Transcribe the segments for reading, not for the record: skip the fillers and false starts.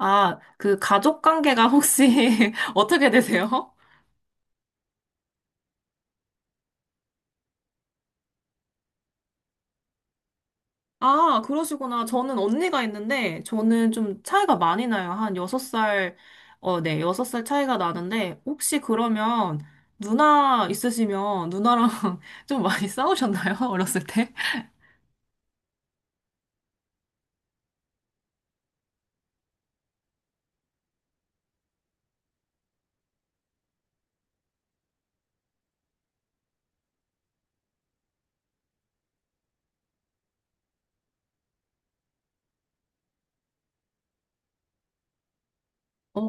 아, 그 가족 관계가 혹시 어떻게 되세요? 아, 그러시구나. 저는 언니가 있는데, 저는 좀 차이가 많이 나요. 한 6살, 여섯 살 차이가 나는데, 혹시 그러면 누나 있으시면 누나랑 좀 많이 싸우셨나요? 어렸을 때? 어,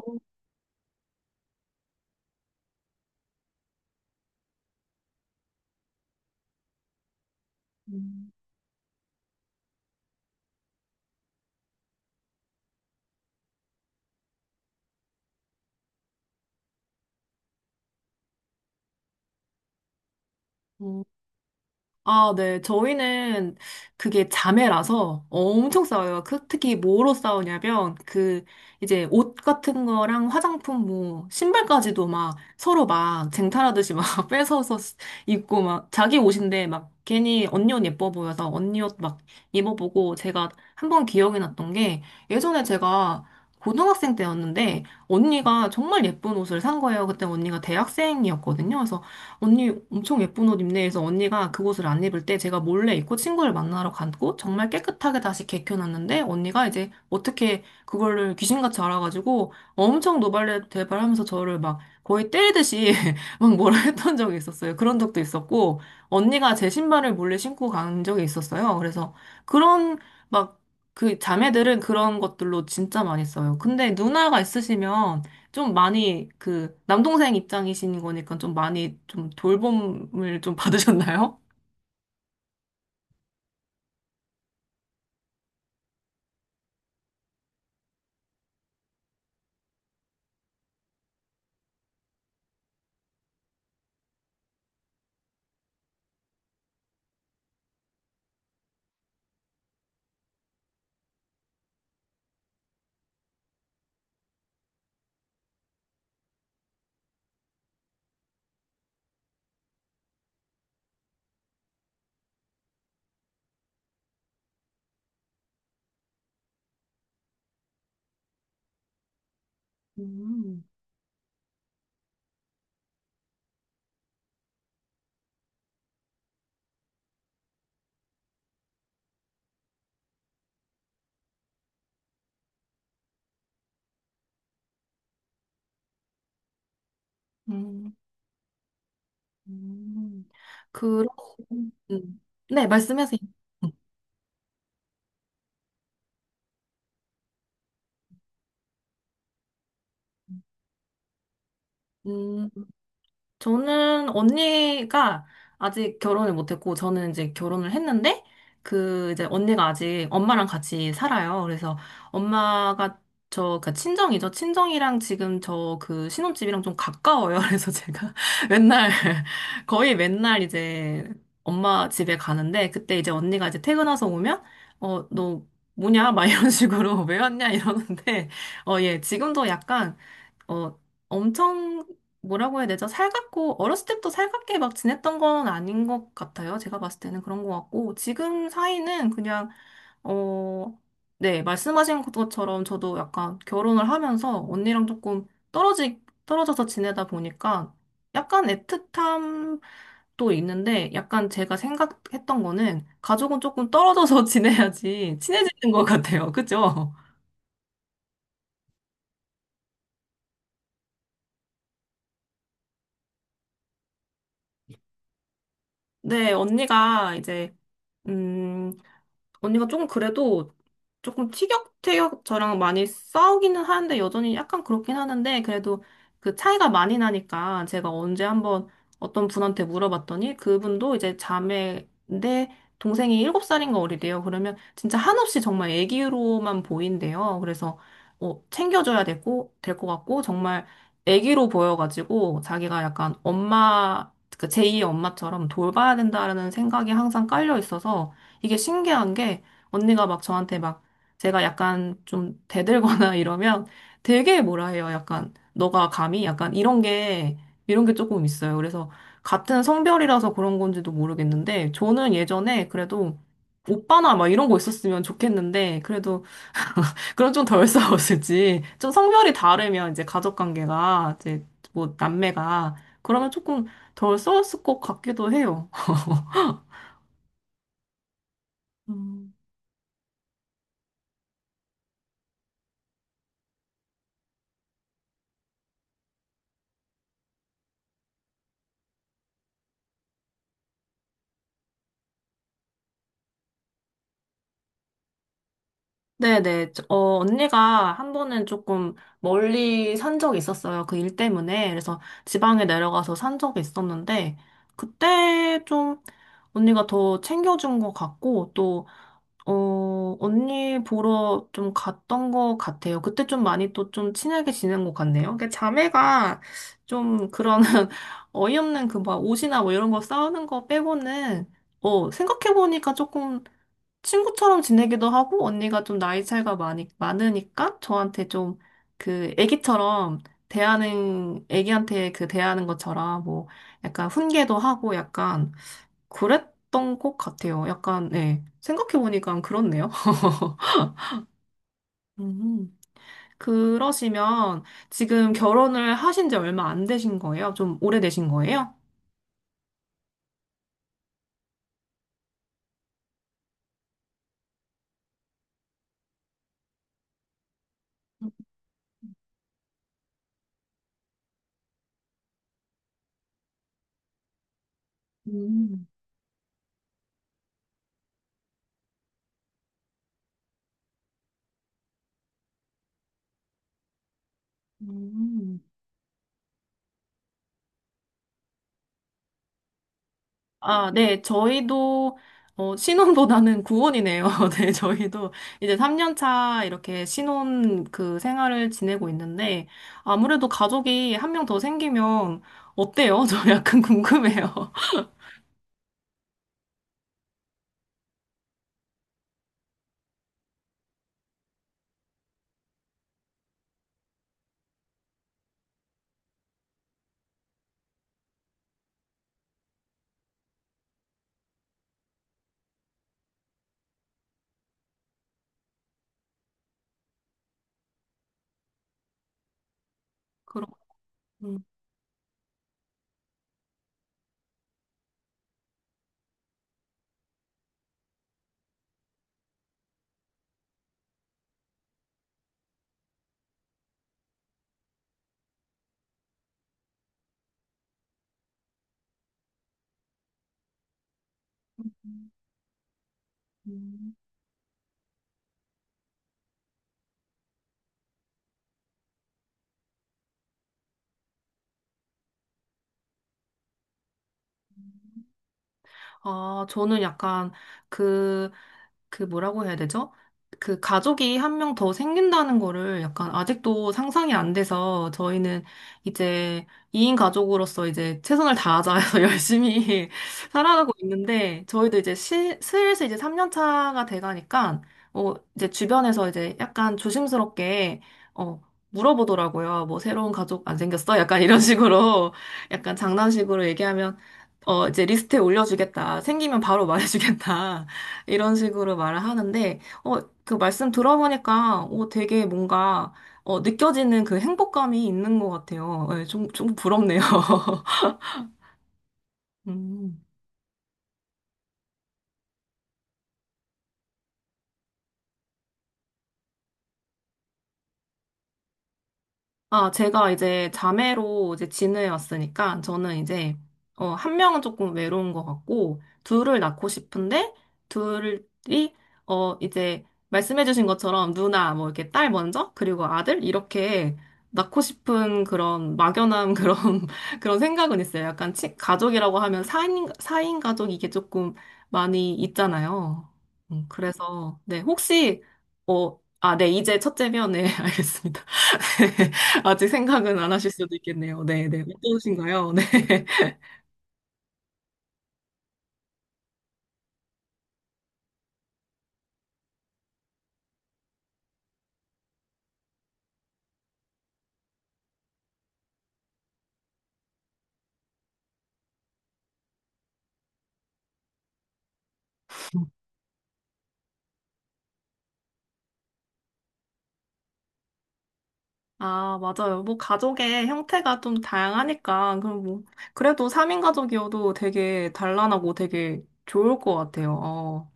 네, 저희는 그게 자매라서 엄청 싸워요. 특히 뭐로 싸우냐면, 그, 이제 옷 같은 거랑 화장품, 뭐, 신발까지도 막 서로 막 쟁탈하듯이 막 뺏어서 입고 막 자기 옷인데 막 괜히 언니 옷 예뻐 보여서 언니 옷 막 입어보고 제가 한번 기억이 났던 게 예전에 제가 고등학생 때였는데 언니가 정말 예쁜 옷을 산 거예요. 그때 언니가 대학생이었거든요. 그래서 언니 엄청 예쁜 옷 입네 해서 언니가 그 옷을 안 입을 때 제가 몰래 입고 친구를 만나러 갔고 정말 깨끗하게 다시 개켜놨는데 언니가 이제 어떻게 그거를 귀신같이 알아가지고 엄청 노발대발하면서 저를 막 거의 때리듯이 막 뭐라 했던 적이 있었어요. 그런 적도 있었고 언니가 제 신발을 몰래 신고 간 적이 있었어요. 그래서 그런 막 그 자매들은 그런 것들로 진짜 많이 써요. 근데 누나가 있으시면 좀 많이 그 남동생 입장이신 거니까 좀 많이 좀 돌봄을 좀 받으셨나요? 음, 음, 음. 그, 럼 네, 말씀하세요. 음. 저는 언니가 아직 결혼을 못했고, 저는 이제 결혼을 했는데, 그, 이제 언니가 아직 엄마랑 같이 살아요. 그래서 엄마가 저, 그, 친정이죠. 친정이랑 지금 저 그 신혼집이랑 좀 가까워요. 그래서 제가 맨날, 거의 맨날 이제 엄마 집에 가는데, 그때 이제 언니가 이제 퇴근해서 오면, 어, 너 뭐냐? 막 이런 식으로 왜 왔냐? 이러는데, 어, 예, 지금도 약간 어, 엄청 뭐라고 해야 되죠? 살갑고 어렸을 때부터 살갑게 막 지냈던 건 아닌 것 같아요. 제가 봤을 때는 그런 것 같고 지금 사이는 그냥 어, 네, 말씀하신 것처럼 저도 약간 결혼을 하면서 언니랑 조금 떨어지 떨어져서 지내다 보니까 약간 애틋함 또 있는데 약간 제가 생각했던 거는 가족은 조금 떨어져서 지내야지 친해지는 것 같아요. 그죠? 네, 언니가 이제 음 언니가 조금 그래도 조금 티격태격 저랑 많이 싸우기는 하는데 여전히 약간 그렇긴 하는데 그래도 그 차이가 많이 나니까 제가 언제 한번 어떤 분한테 물어봤더니 그분도 이제 자매인데 동생이 7살인가 어리대요. 그러면 진짜 한없이 정말 애기로만 보인대요. 그래서 어, 챙겨줘야 되고 될 것 같고 정말 애기로 보여가지고 자기가 약간 엄마 그 제2의 엄마처럼 돌봐야 된다라는 생각이 항상 깔려 있어서 이게 신기한 게 언니가 막 저한테 막 제가 약간 좀 대들거나 이러면 되게 뭐라 해요. 약간 너가 감히 약간 이런 게 조금 있어요. 그래서 같은 성별이라서 그런 건지도 모르겠는데 저는 예전에 그래도 오빠나 막 이런 거 있었으면 좋겠는데 그래도 그럼 좀 덜 싸웠을지 좀 성별이 다르면 이제 가족 관계가 이제 뭐 남매가 그러면 조금 덜 싸웠을 것 같기도 해요. 음. 네네. 어, 언니가 한 번은 조금 멀리 산 적이 있었어요. 그 일 때문에. 그래서 지방에 내려가서 산 적이 있었는데, 그때 좀 언니가 더 챙겨준 것 같고, 또, 어, 언니 보러 좀 갔던 것 같아요. 그때 좀 많이 또 좀 친하게 지낸 것 같네요. 그러니까 자매가 좀 그런 어이없는 그 막 옷이나 뭐 이런 거 싸우는 거 빼고는, 어, 생각해보니까 조금 친구처럼 지내기도 하고 언니가 좀 나이 차이가 많이 많으니까 저한테 좀 그 애기처럼 대하는 애기한테 그 대하는 것처럼 뭐 약간 훈계도 하고 약간 그랬던 것 같아요. 약간 네. 생각해 보니까 그렇네요. 음. 그러시면 지금 결혼을 하신 지 얼마 안 되신 거예요? 좀 오래되신 거예요? 음. 음. 아, 네, 저희도, 어, 신혼보다는 구혼이네요. 네, 저희도 이제 3년 차 이렇게 신혼 그 생활을 지내고 있는데, 아무래도 가족이 한 명 더 생기면 어때요? 저 약간 궁금해요. 그럼, 음. 아, 저는 약간 그, 그 뭐라고 해야 되죠? 그 가족이 한 명 더 생긴다는 거를 약간 아직도 상상이 안 돼서 저희는 이제 2인 가족으로서 이제 최선을 다하자 해서 열심히 살아가고 있는데 저희도 이제 슬슬 이제 3년 차가 돼가니까 어, 이제 주변에서 이제 약간 조심스럽게 어, 물어보더라고요. 뭐 새로운 가족 안 생겼어? 약간 이런 식으로 약간 장난식으로 얘기하면 어, 이제 리스트에 올려주겠다. 생기면 바로 말해주겠다. 이런 식으로 말을 하는데, 어, 그 말씀 들어보니까, 어, 되게 뭔가, 어, 느껴지는 그 행복감이 있는 것 같아요. 예, 좀, 좀 부럽네요. 음. 아, 제가 이제 자매로 이제 지내왔으니까 저는 이제 어, 한 명은 조금 외로운 것 같고 둘을 낳고 싶은데 둘이 어 이제 말씀해주신 것처럼 누나 뭐 이렇게 딸 먼저 그리고 아들 이렇게 낳고 싶은 그런 막연한 그런 그런 생각은 있어요. 약간 가족이라고 하면 4인 사인 가족 이게 조금 많이 있잖아요. 그래서 네 혹시 어 아, 네, 이제 첫째면, 네, 알겠습니다. 아직 생각은 안 하실 수도 있겠네요. 네, 네. 어떠신가요? 네. 아, 맞아요. 뭐, 가족의 형태가 좀 다양하니까, 그럼 뭐, 그래도 3인 가족이어도 되게 단란하고 되게 좋을 것 같아요. 어.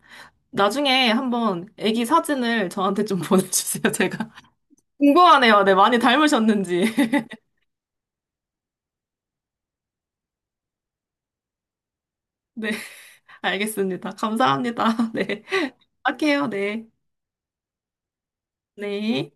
나중에 한번 아기 사진을 저한테 좀 보내주세요. 제가 궁금하네요. 네, 많이 닮으셨는지. 네, 알겠습니다. 감사합니다. 네. 할게요. 네. 네.